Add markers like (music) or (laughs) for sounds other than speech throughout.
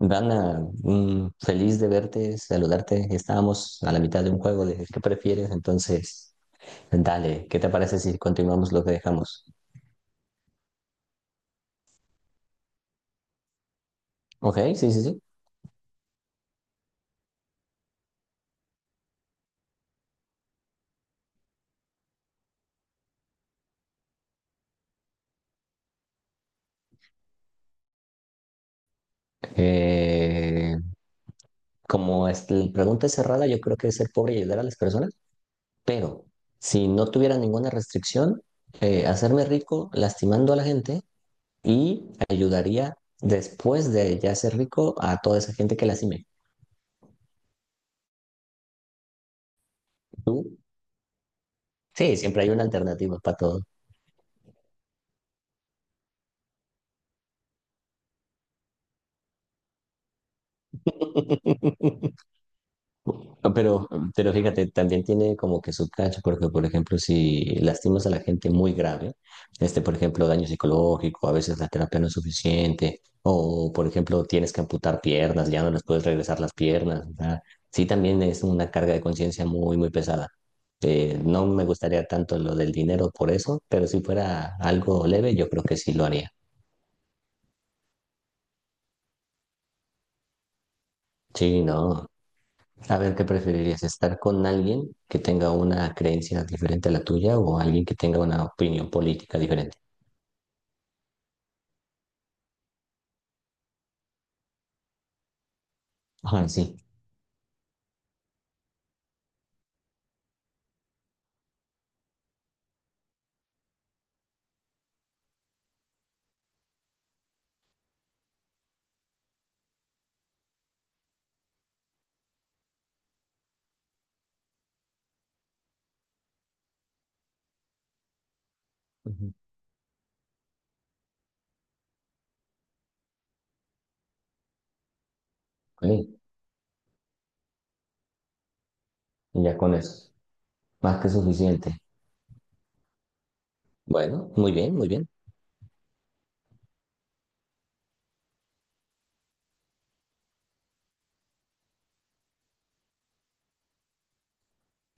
Dana, feliz de verte, saludarte. Estábamos a la mitad de un juego de ¿qué prefieres? Entonces, dale, ¿qué te parece si continuamos lo que dejamos? Ok, sí, sí, sí. Eh, la pregunta es cerrada, yo creo que es ser pobre y ayudar a las personas, pero si no tuviera ninguna restricción, hacerme rico lastimando a la gente y ayudaría después de ya ser rico a toda esa gente que lastime. ¿Tú? Sí, siempre hay una alternativa para todo. (laughs) No, pero fíjate, también tiene como que su cacho, porque por ejemplo, si lastimas a la gente muy grave, este, por ejemplo, daño psicológico, a veces la terapia no es suficiente, o por ejemplo, tienes que amputar piernas, ya no les puedes regresar las piernas, o sea, sí también es una carga de conciencia muy, muy pesada. No me gustaría tanto lo del dinero por eso, pero si fuera algo leve, yo creo que sí lo haría. Sí, no. A ver, ¿qué preferirías? ¿Estar con alguien que tenga una creencia diferente a la tuya o alguien que tenga una opinión política diferente? Ajá, sí. Ujú. Ok, ya con eso. Más que suficiente. Bueno, muy bien, muy bien.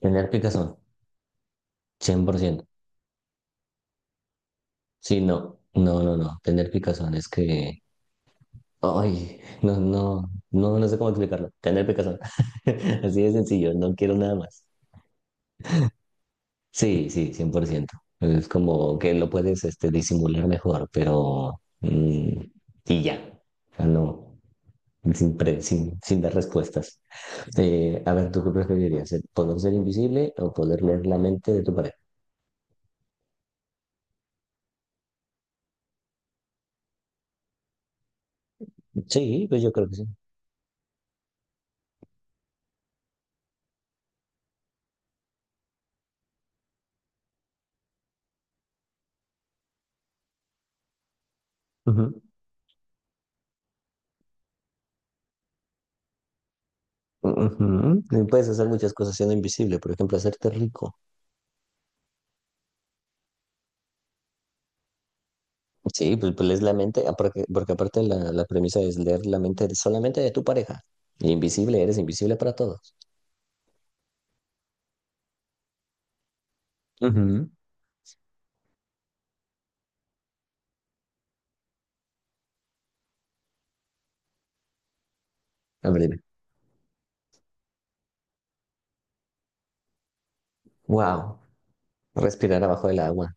Tener picazón, 100%. Sí, no, no, no, no. Tener picazón es que... Ay, no, no, no, no sé cómo explicarlo. Tener picazón. (laughs) Así de sencillo, no quiero nada más. Sí, sí, 100%. Es como que lo puedes este, disimular mejor, pero... y ya. O sea, no, sin, sin dar respuestas. A ver, ¿tú qué preferirías? ¿El ¿Poder ser invisible o poder leer la mente de tu pareja? Sí, pues yo creo que sí. Ujú. Ujú. Y puedes hacer muchas cosas siendo invisible, por ejemplo, hacerte rico. Sí, pues, pues lees la mente, ah, porque, porque aparte la premisa es leer la mente solamente de tu pareja. Y invisible, eres invisible para todos. Ujú. A ver, wow. Respirar abajo del agua.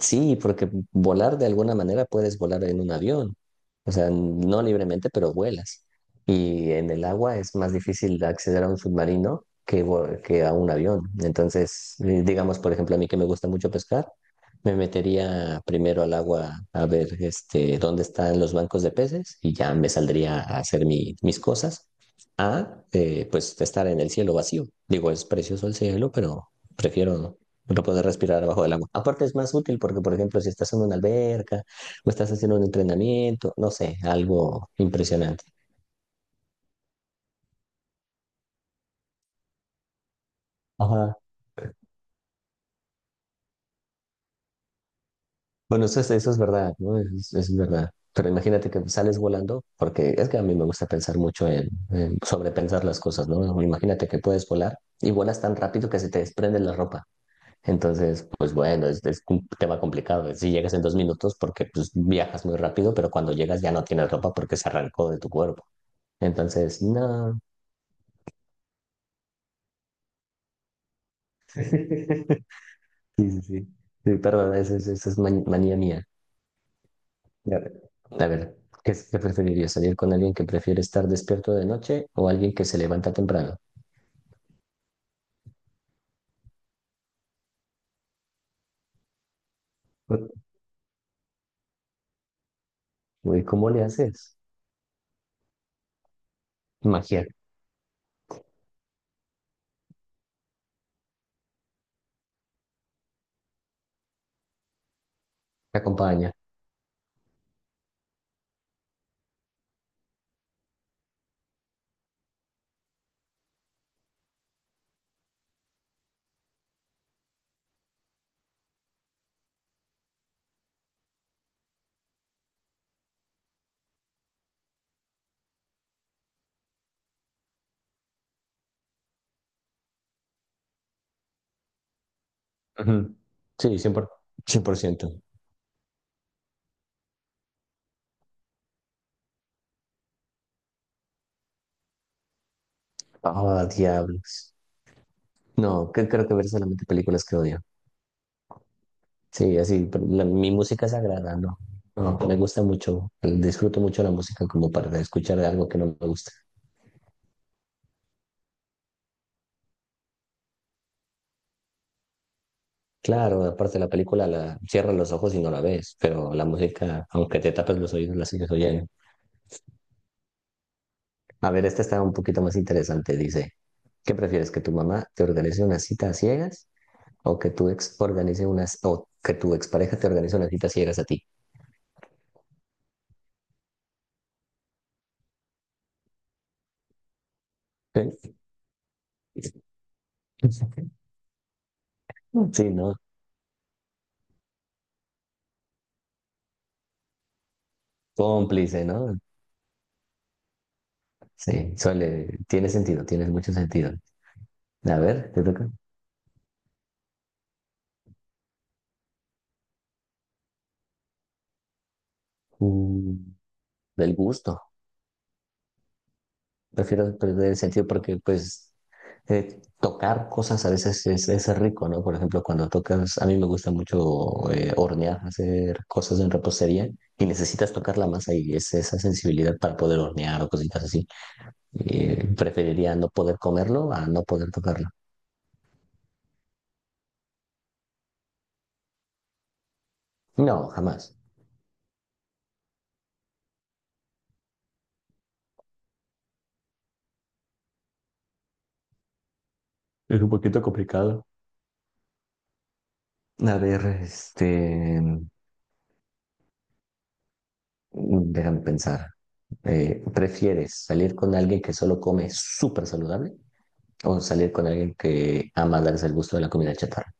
Sí, porque volar de alguna manera puedes volar en un avión. O sea, no libremente, pero vuelas. Y en el agua es más difícil acceder a un submarino que, que a un avión. Entonces, digamos, por ejemplo, a mí que me gusta mucho pescar, me metería primero al agua a ver este, dónde están los bancos de peces y ya me saldría a hacer mis cosas. A, pues estar en el cielo vacío. Digo, es precioso el cielo, pero prefiero no poder respirar abajo del agua. Aparte es más útil porque, por ejemplo, si estás en una alberca o estás haciendo un entrenamiento, no sé, algo impresionante. Bueno, eso, eso es verdad, ¿no? Eso es verdad. Pero imagínate que sales volando, porque es que a mí me gusta pensar mucho en sobrepensar las cosas, ¿no? Imagínate que puedes volar y vuelas tan rápido que se te desprende la ropa. Entonces, pues bueno, es un tema complicado. Si llegas en 2 minutos, porque pues viajas muy rápido, pero cuando llegas ya no tienes ropa porque se arrancó de tu cuerpo. Entonces, no. (laughs) Sí, sí, sí. Sí, perdón, esa es manía mía. Ya. A ver, ¿qué, qué preferirías? ¿Salir con alguien que prefiere estar despierto de noche o alguien que se levanta temprano? Uy, ¿cómo le haces? Magia, te acompaña. Ujú. Sí, 100% 100%. Ah, diablos. No, que, creo que ver solamente películas que odio. Sí, así, pero mi música sagrada, no. No, me gusta mucho, disfruto mucho la música como para escuchar algo que no me gusta. Claro, aparte la película la cierras los ojos y no la ves, pero la música, aunque te tapes los oídos, la sigues oyendo. A ver, esta está un poquito más interesante. Dice, ¿qué prefieres? ¿Que tu mamá te organice una cita a ciegas o que tu ex organice unas, o que tu expareja te organice una cita a ciegas a ti? ¿Eh? (laughs) Sí, ¿no? Cómplice, ¿no? Sí, suele, tiene sentido, tiene mucho sentido. A ver, te toca. Mm, Del gusto. Prefiero perder el sentido porque, pues, tocar cosas a veces es rico, ¿no? Por ejemplo, cuando tocas, a mí me gusta mucho hornear, hacer cosas en repostería y necesitas tocar la masa y es esa sensibilidad para poder hornear o cositas así. Preferiría no poder comerlo a no poder tocarlo. No, jamás. Es un poquito complicado. A ver, este, déjame pensar. ¿Prefieres salir con alguien que solo come súper saludable o salir con alguien que ama darse el gusto de la comida chatarra.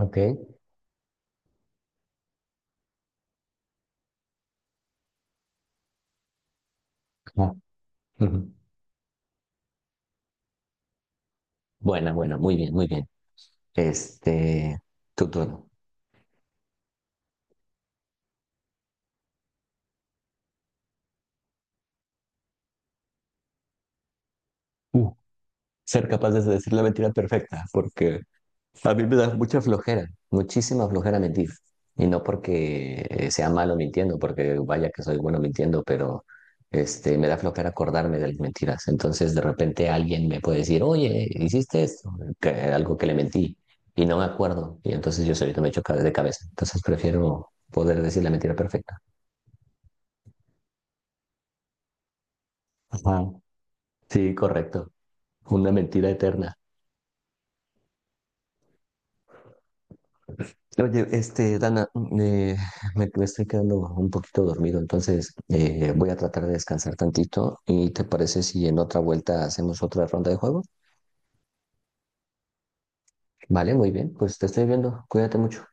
Ok. Ah, ujú. Buena, buena, muy bien, muy bien. Este, tu turno. Ser capaz de decir la mentira perfecta, porque a mí me da mucha flojera, muchísima flojera mentir. Y no porque sea malo mintiendo, porque vaya que soy bueno mintiendo, pero este, me da flojera acordarme de las mentiras. Entonces de repente alguien me puede decir, oye, hiciste esto, algo que le mentí, y no me acuerdo. Y entonces yo solito me echo de cabeza. Entonces prefiero poder decir la mentira perfecta. Ajá. Sí, correcto. Una mentira eterna. Oye, este, Dana, eh, (laughs) me estoy quedando un poquito dormido, entonces voy a tratar de descansar tantito. ¿Y te parece si en otra vuelta hacemos otra ronda de juego? Vale, muy bien, pues te estoy viendo. Cuídate mucho.